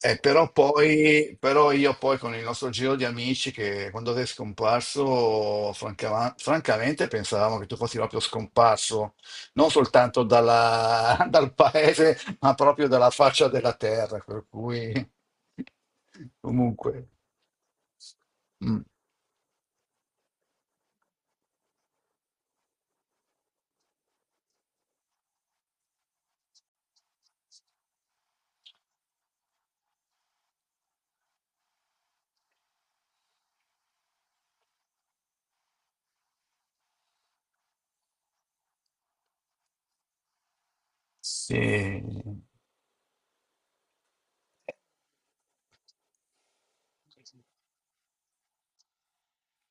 Però io poi, con il nostro giro di amici, che quando sei scomparso, francamente pensavamo che tu fossi proprio scomparso, non soltanto dal paese, ma proprio dalla faccia della terra, per cui comunque, mm, sì.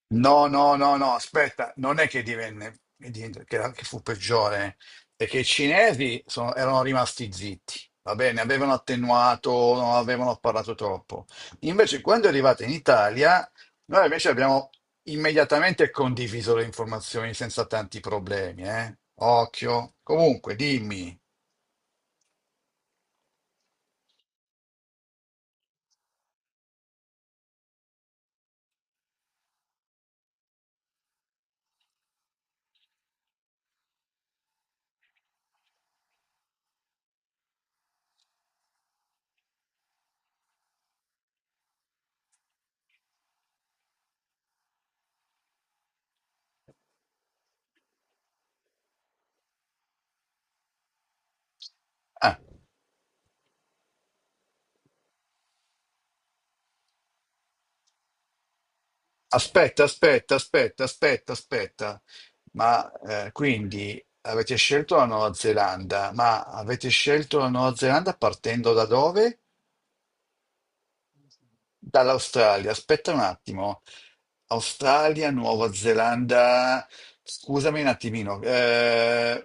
No, no, no, no, aspetta, non è che divenne, che fu peggiore, è che erano rimasti zitti, va bene, avevano attenuato, non avevano parlato troppo. Invece, quando è arrivata in Italia, noi invece abbiamo immediatamente condiviso le informazioni senza tanti problemi, eh? Occhio. Comunque, dimmi. Ah, aspetta, aspetta, aspetta, aspetta, aspetta. Ma quindi avete scelto la Nuova Zelanda, ma avete scelto la Nuova Zelanda partendo da dove? Dall'Australia. Aspetta un attimo. Australia, Nuova Zelanda. Scusami un attimino.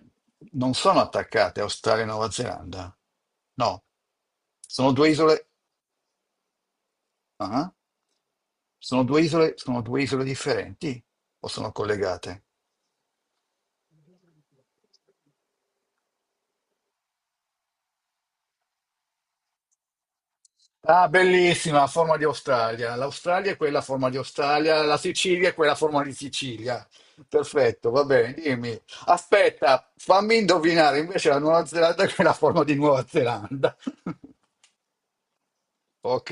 Non sono attaccate Australia e Nuova Zelanda. No, sono due isole. Ah, sono due isole, sono due isole differenti o sono collegate? Ah, bellissima, a forma di Australia. L'Australia è quella a forma di Australia, la Sicilia è quella a forma di Sicilia. Perfetto, va bene, dimmi. Aspetta, fammi indovinare invece la Nuova Zelanda che è la forma di Nuova Zelanda. Ok,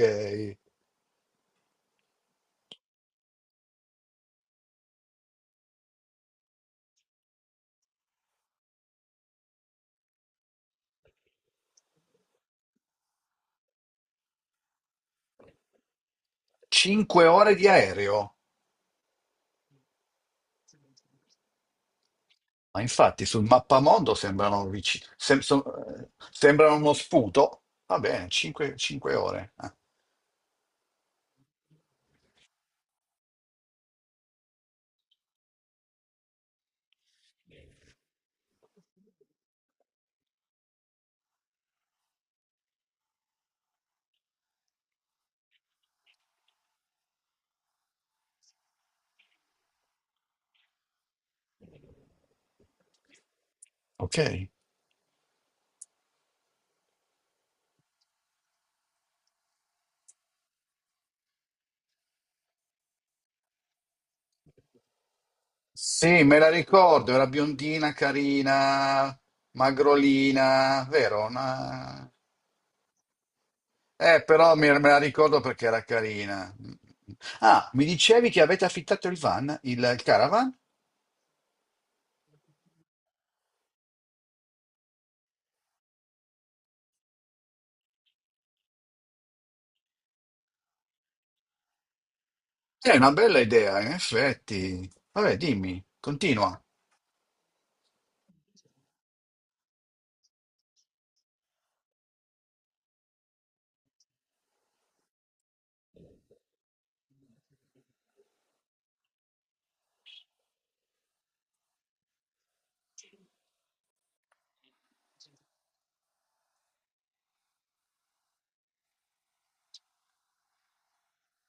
5 ore di aereo. Ma infatti sul mappamondo sembrano vicini, sembrano uno sputo. Va bene, 5, ore. Ah, ok. Sì, me la ricordo, era biondina, carina, magrolina, vero? Però me la ricordo perché era carina. Ah, mi dicevi che avete affittato il van, il caravan? È una bella idea, in effetti. Vabbè, dimmi, continua.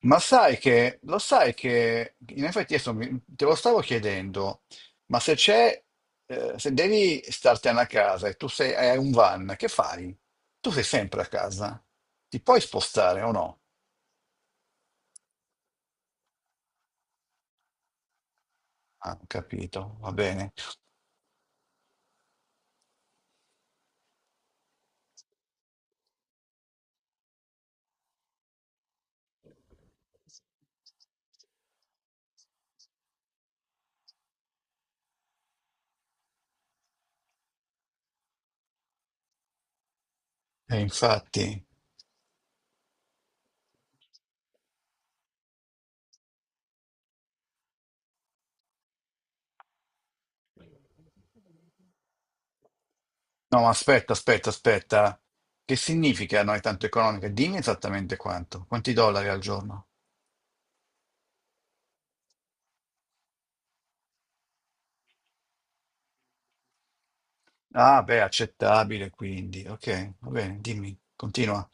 Ma sai che, lo sai che, in effetti adesso te lo stavo chiedendo, ma se c'è, se devi startene a casa e tu sei, hai un van, che fai? Tu sei sempre a casa, ti puoi spostare o no? Ah, ho capito, va bene. E infatti, no, ma aspetta, aspetta, aspetta, che significa non è tanto economica? Dimmi esattamente quanto, quanti dollari al giorno? Ah, beh, accettabile quindi, ok, va bene, dimmi, continua.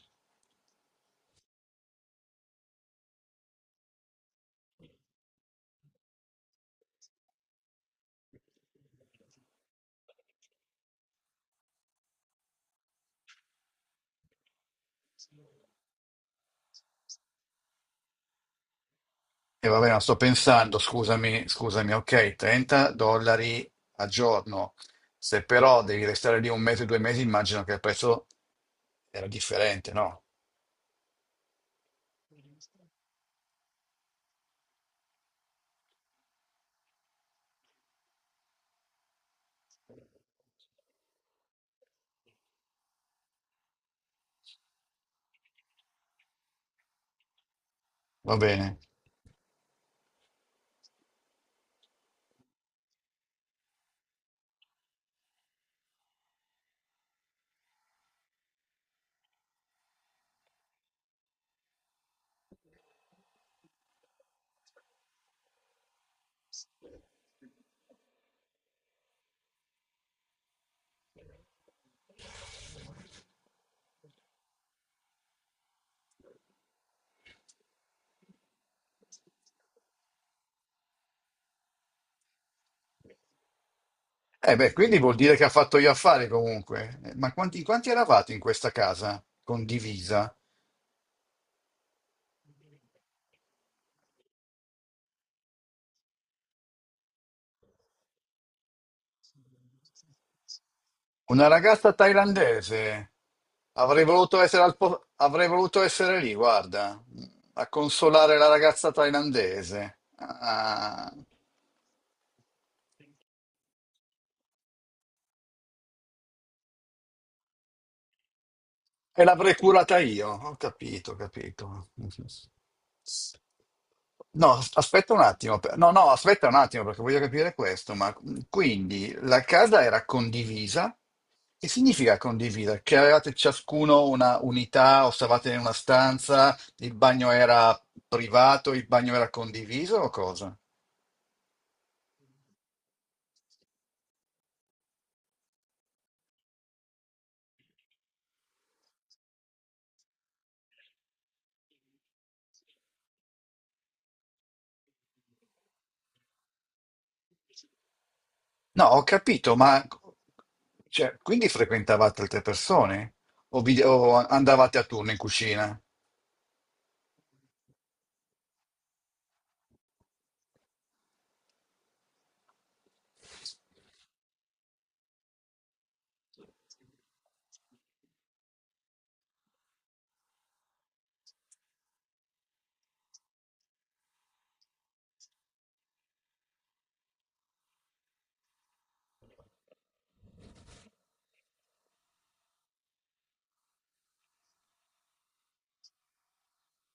E va bene, sto pensando, scusami, scusami, ok, 30 dollari al giorno. Se però devi restare lì un mese, due mesi, immagino che il prezzo era differente, no? Va bene. Eh beh, quindi vuol dire che ha fatto gli affari comunque. Ma quanti, quanti eravate in questa casa condivisa? Una ragazza thailandese. Avrei voluto essere lì, guarda, a consolare la ragazza thailandese. Ah. E l'avrei curata io, ho capito, ho capito. No, aspetta un attimo, no, no, aspetta un attimo, perché voglio capire questo, ma mm, quindi la casa era condivisa? Che significa condivisa? Che avevate ciascuno una unità o stavate in una stanza, il bagno era privato, il bagno era condiviso o cosa? No, ho capito, ma cioè, quindi frequentavate altre persone o, o andavate a turno in cucina?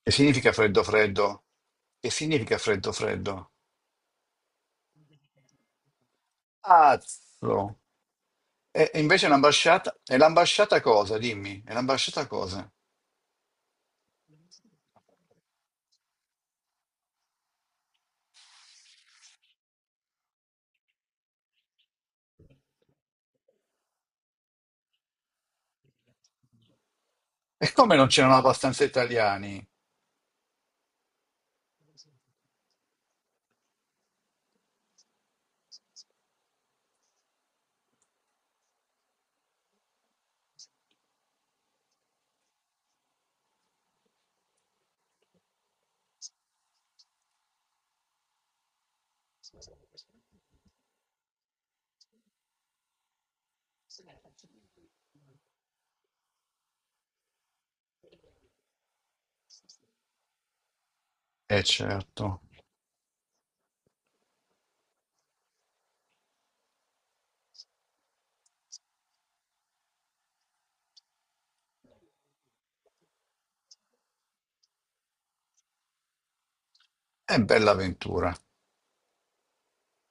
Che significa freddo freddo? Che significa freddo freddo? Cazzo! E invece l'ambasciata... E l'ambasciata cosa? Dimmi, e l'ambasciata cosa? E come non c'erano abbastanza italiani? Eh certo, è bella avventura.